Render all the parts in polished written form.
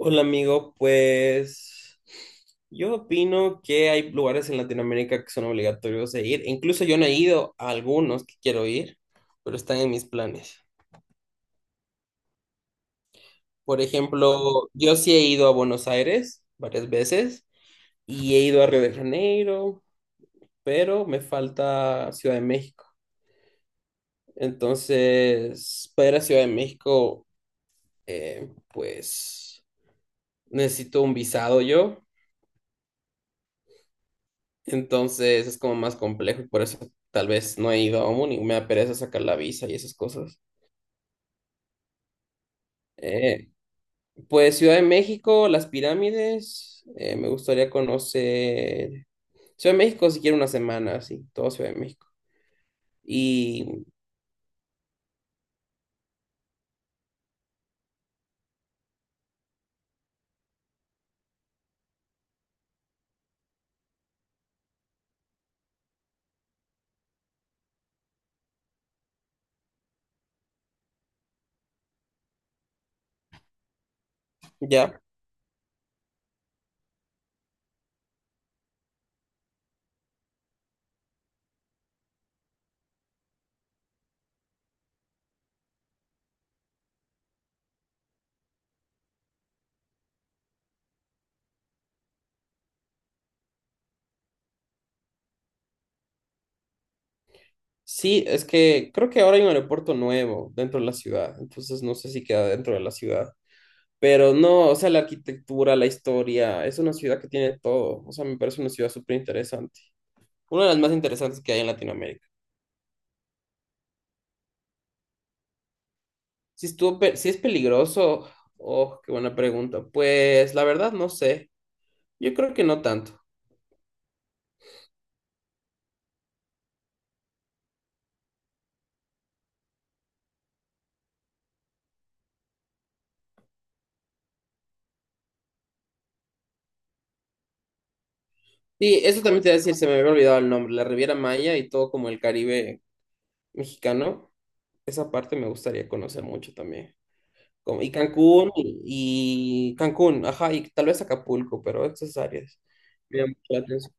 Hola amigo, pues yo opino que hay lugares en Latinoamérica que son obligatorios de ir. Incluso yo no he ido a algunos que quiero ir, pero están en mis planes. Por ejemplo, yo sí he ido a Buenos Aires varias veces y he ido a Río de Janeiro, pero me falta Ciudad de México. Entonces, para ir a Ciudad de México, pues necesito un visado yo. Entonces es como más complejo y por eso tal vez no he ido aún y me da pereza sacar la visa y esas cosas. Eh, pues Ciudad de México, las pirámides, me gustaría conocer Ciudad de México si quiero una semana, sí todo Ciudad de México. Y ya, sí, es que creo que ahora hay un aeropuerto nuevo dentro de la ciudad, entonces no sé si queda dentro de la ciudad. Pero no, o sea, la arquitectura, la historia, es una ciudad que tiene todo. O sea, me parece una ciudad súper interesante. Una de las más interesantes que hay en Latinoamérica. Si es peligroso, oh, qué buena pregunta. Pues la verdad no sé. Yo creo que no tanto. Sí, eso también te iba a decir, se me había olvidado el nombre, la Riviera Maya y todo como el Caribe mexicano. Esa parte me gustaría conocer mucho también. Como, y Cancún, ajá, y tal vez Acapulco, pero esas áreas me llaman mucho la atención.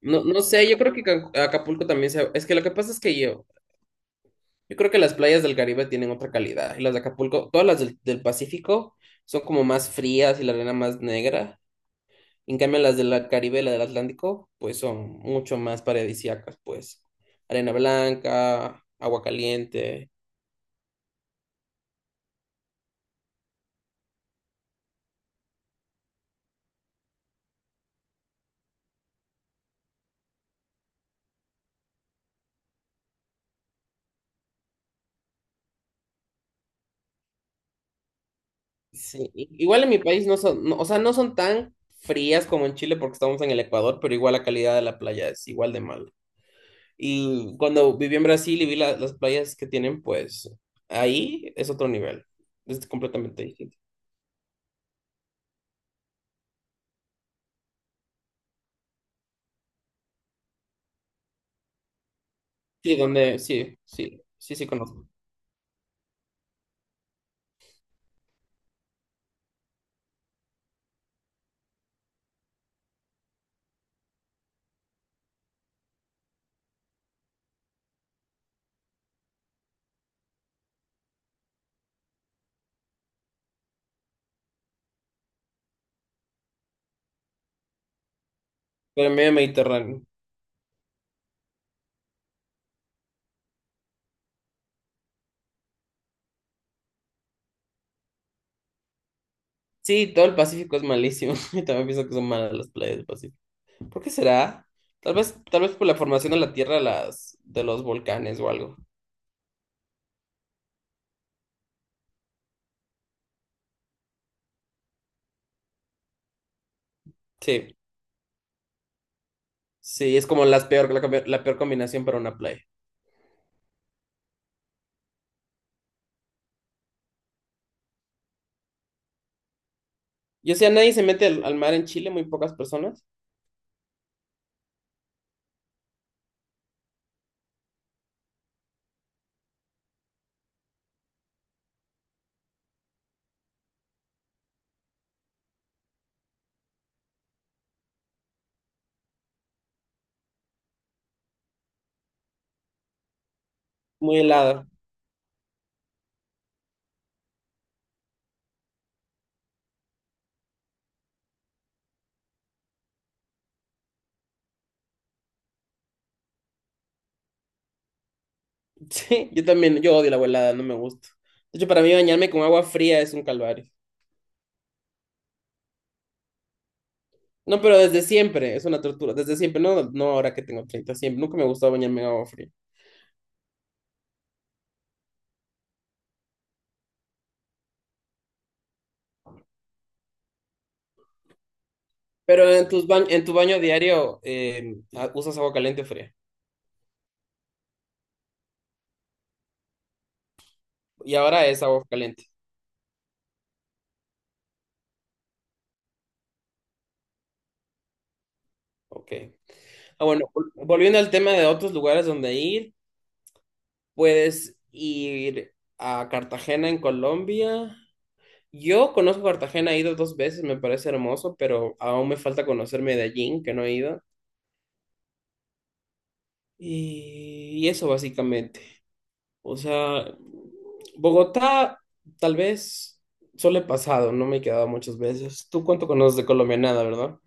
No, no sé, yo creo que Acapulco también se... Es que lo que pasa es que yo creo que las playas del Caribe tienen otra calidad. Y las de Acapulco, todas las del Pacífico son como más frías y la arena más negra. En cambio, las del Caribe y la del Atlántico, pues son mucho más paradisíacas, pues. Arena blanca, agua caliente. Sí. Igual en mi país no son, o sea, no son tan frías como en Chile porque estamos en el Ecuador, pero igual la calidad de la playa es igual de mala. Y cuando viví en Brasil y vi las playas que tienen, pues ahí es otro nivel. Es completamente distinto. Sí, donde, sí, sí, sí, sí conozco. Pero medio Mediterráneo. Sí, todo el Pacífico es malísimo. Y también pienso que son malas las playas del Pacífico. ¿Por qué será? Tal vez por la formación de la tierra de los volcanes o algo. Sí, sí, es como las peor, la, combi- la peor combinación para una playa. Yo sé, nadie se mete al mar en Chile, muy pocas personas. Muy helada. Sí, yo también, yo odio la agua helada, no me gusta. De hecho, para mí bañarme con agua fría es un calvario. No, pero desde siempre es una tortura. Desde siempre, no, no ahora que tengo 30. Siempre. Nunca me gustaba bañarme en agua fría. Pero en tus en tu baño diario usas agua caliente o fría. Y ahora es agua caliente. Ok. Ah, bueno, volviendo al tema de otros lugares donde ir, puedes ir a Cartagena en Colombia. Yo conozco Cartagena, he ido dos veces, me parece hermoso, pero aún me falta conocer Medellín, que no he ido. Y eso básicamente. O sea, Bogotá tal vez solo he pasado, no me he quedado muchas veces. ¿Tú cuánto conoces de Colombia? Nada, ¿verdad?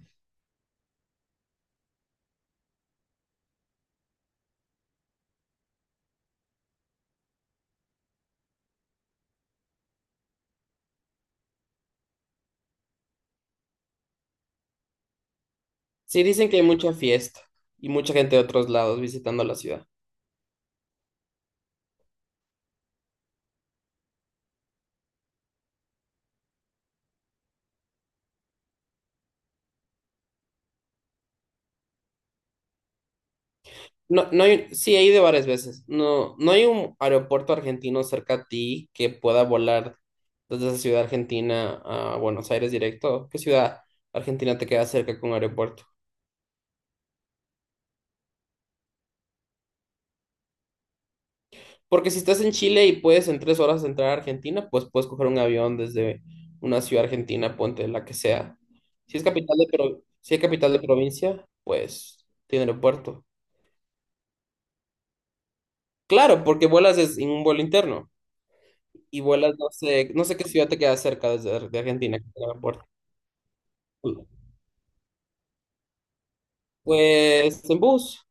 Sí, dicen que hay mucha fiesta y mucha gente de otros lados visitando la ciudad. No, no hay, sí, he ido varias veces. No, no hay un aeropuerto argentino cerca a ti que pueda volar desde esa ciudad argentina a Buenos Aires directo. ¿Qué ciudad argentina te queda cerca con aeropuerto? Porque si estás en Chile y puedes en 3 horas entrar a Argentina, pues puedes coger un avión desde una ciudad argentina, ponte la que sea. Si es capital de, pro- Si es capital de provincia, pues tiene aeropuerto. Claro, porque vuelas en un vuelo interno y vuelas, no sé, no sé qué ciudad te queda cerca de Argentina que tenga aeropuerto. Pues en bus.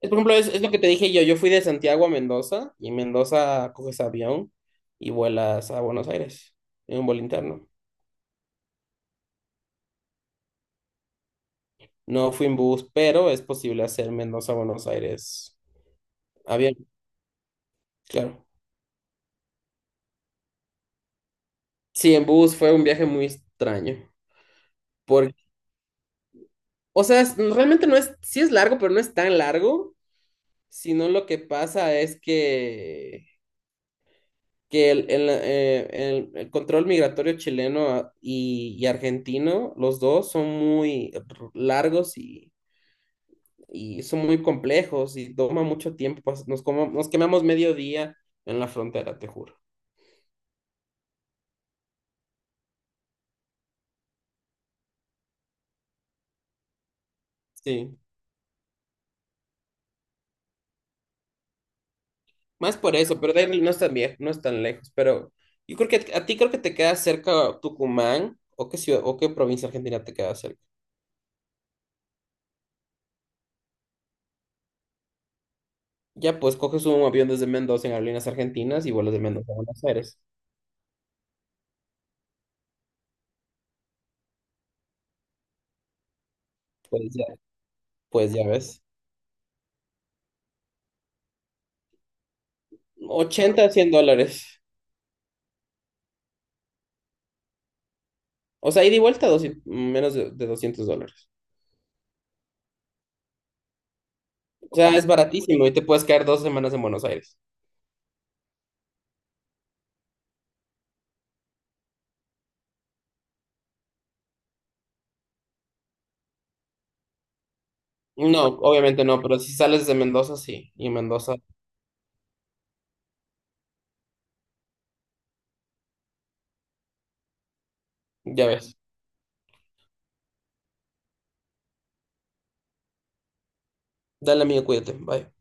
Es, por ejemplo, es lo que te dije yo. Yo fui de Santiago a Mendoza y en Mendoza coges avión y vuelas a Buenos Aires en un vuelo interno. No fui en bus, pero es posible hacer Mendoza a Buenos Aires avión, claro. Sí, en bus fue un viaje muy extraño. Porque, o sea, realmente no es, sí es largo, pero no es tan largo, sino lo que pasa es que el control migratorio chileno y argentino, los dos son muy largos y son muy complejos y toma mucho tiempo. Pues, nos quemamos medio día en la frontera, te juro. Sí, más por eso, pero de ahí no es tan viejo, no es tan lejos. Pero yo creo que a ti creo que te queda cerca Tucumán o qué ciudad o qué provincia argentina te queda cerca. Ya pues coges un avión desde Mendoza en Aerolíneas Argentinas y vuelas de Mendoza a Buenos Aires. Pues ya, pues ya ves. 80 a 100 dólares. O sea, ida y vuelta, 200 menos de 200 dólares. O sea, es baratísimo y te puedes quedar 2 semanas en Buenos Aires. No, obviamente no, pero si sales de Mendoza, sí. Y Mendoza, ya ves. Dale, amigo, cuídate. Bye.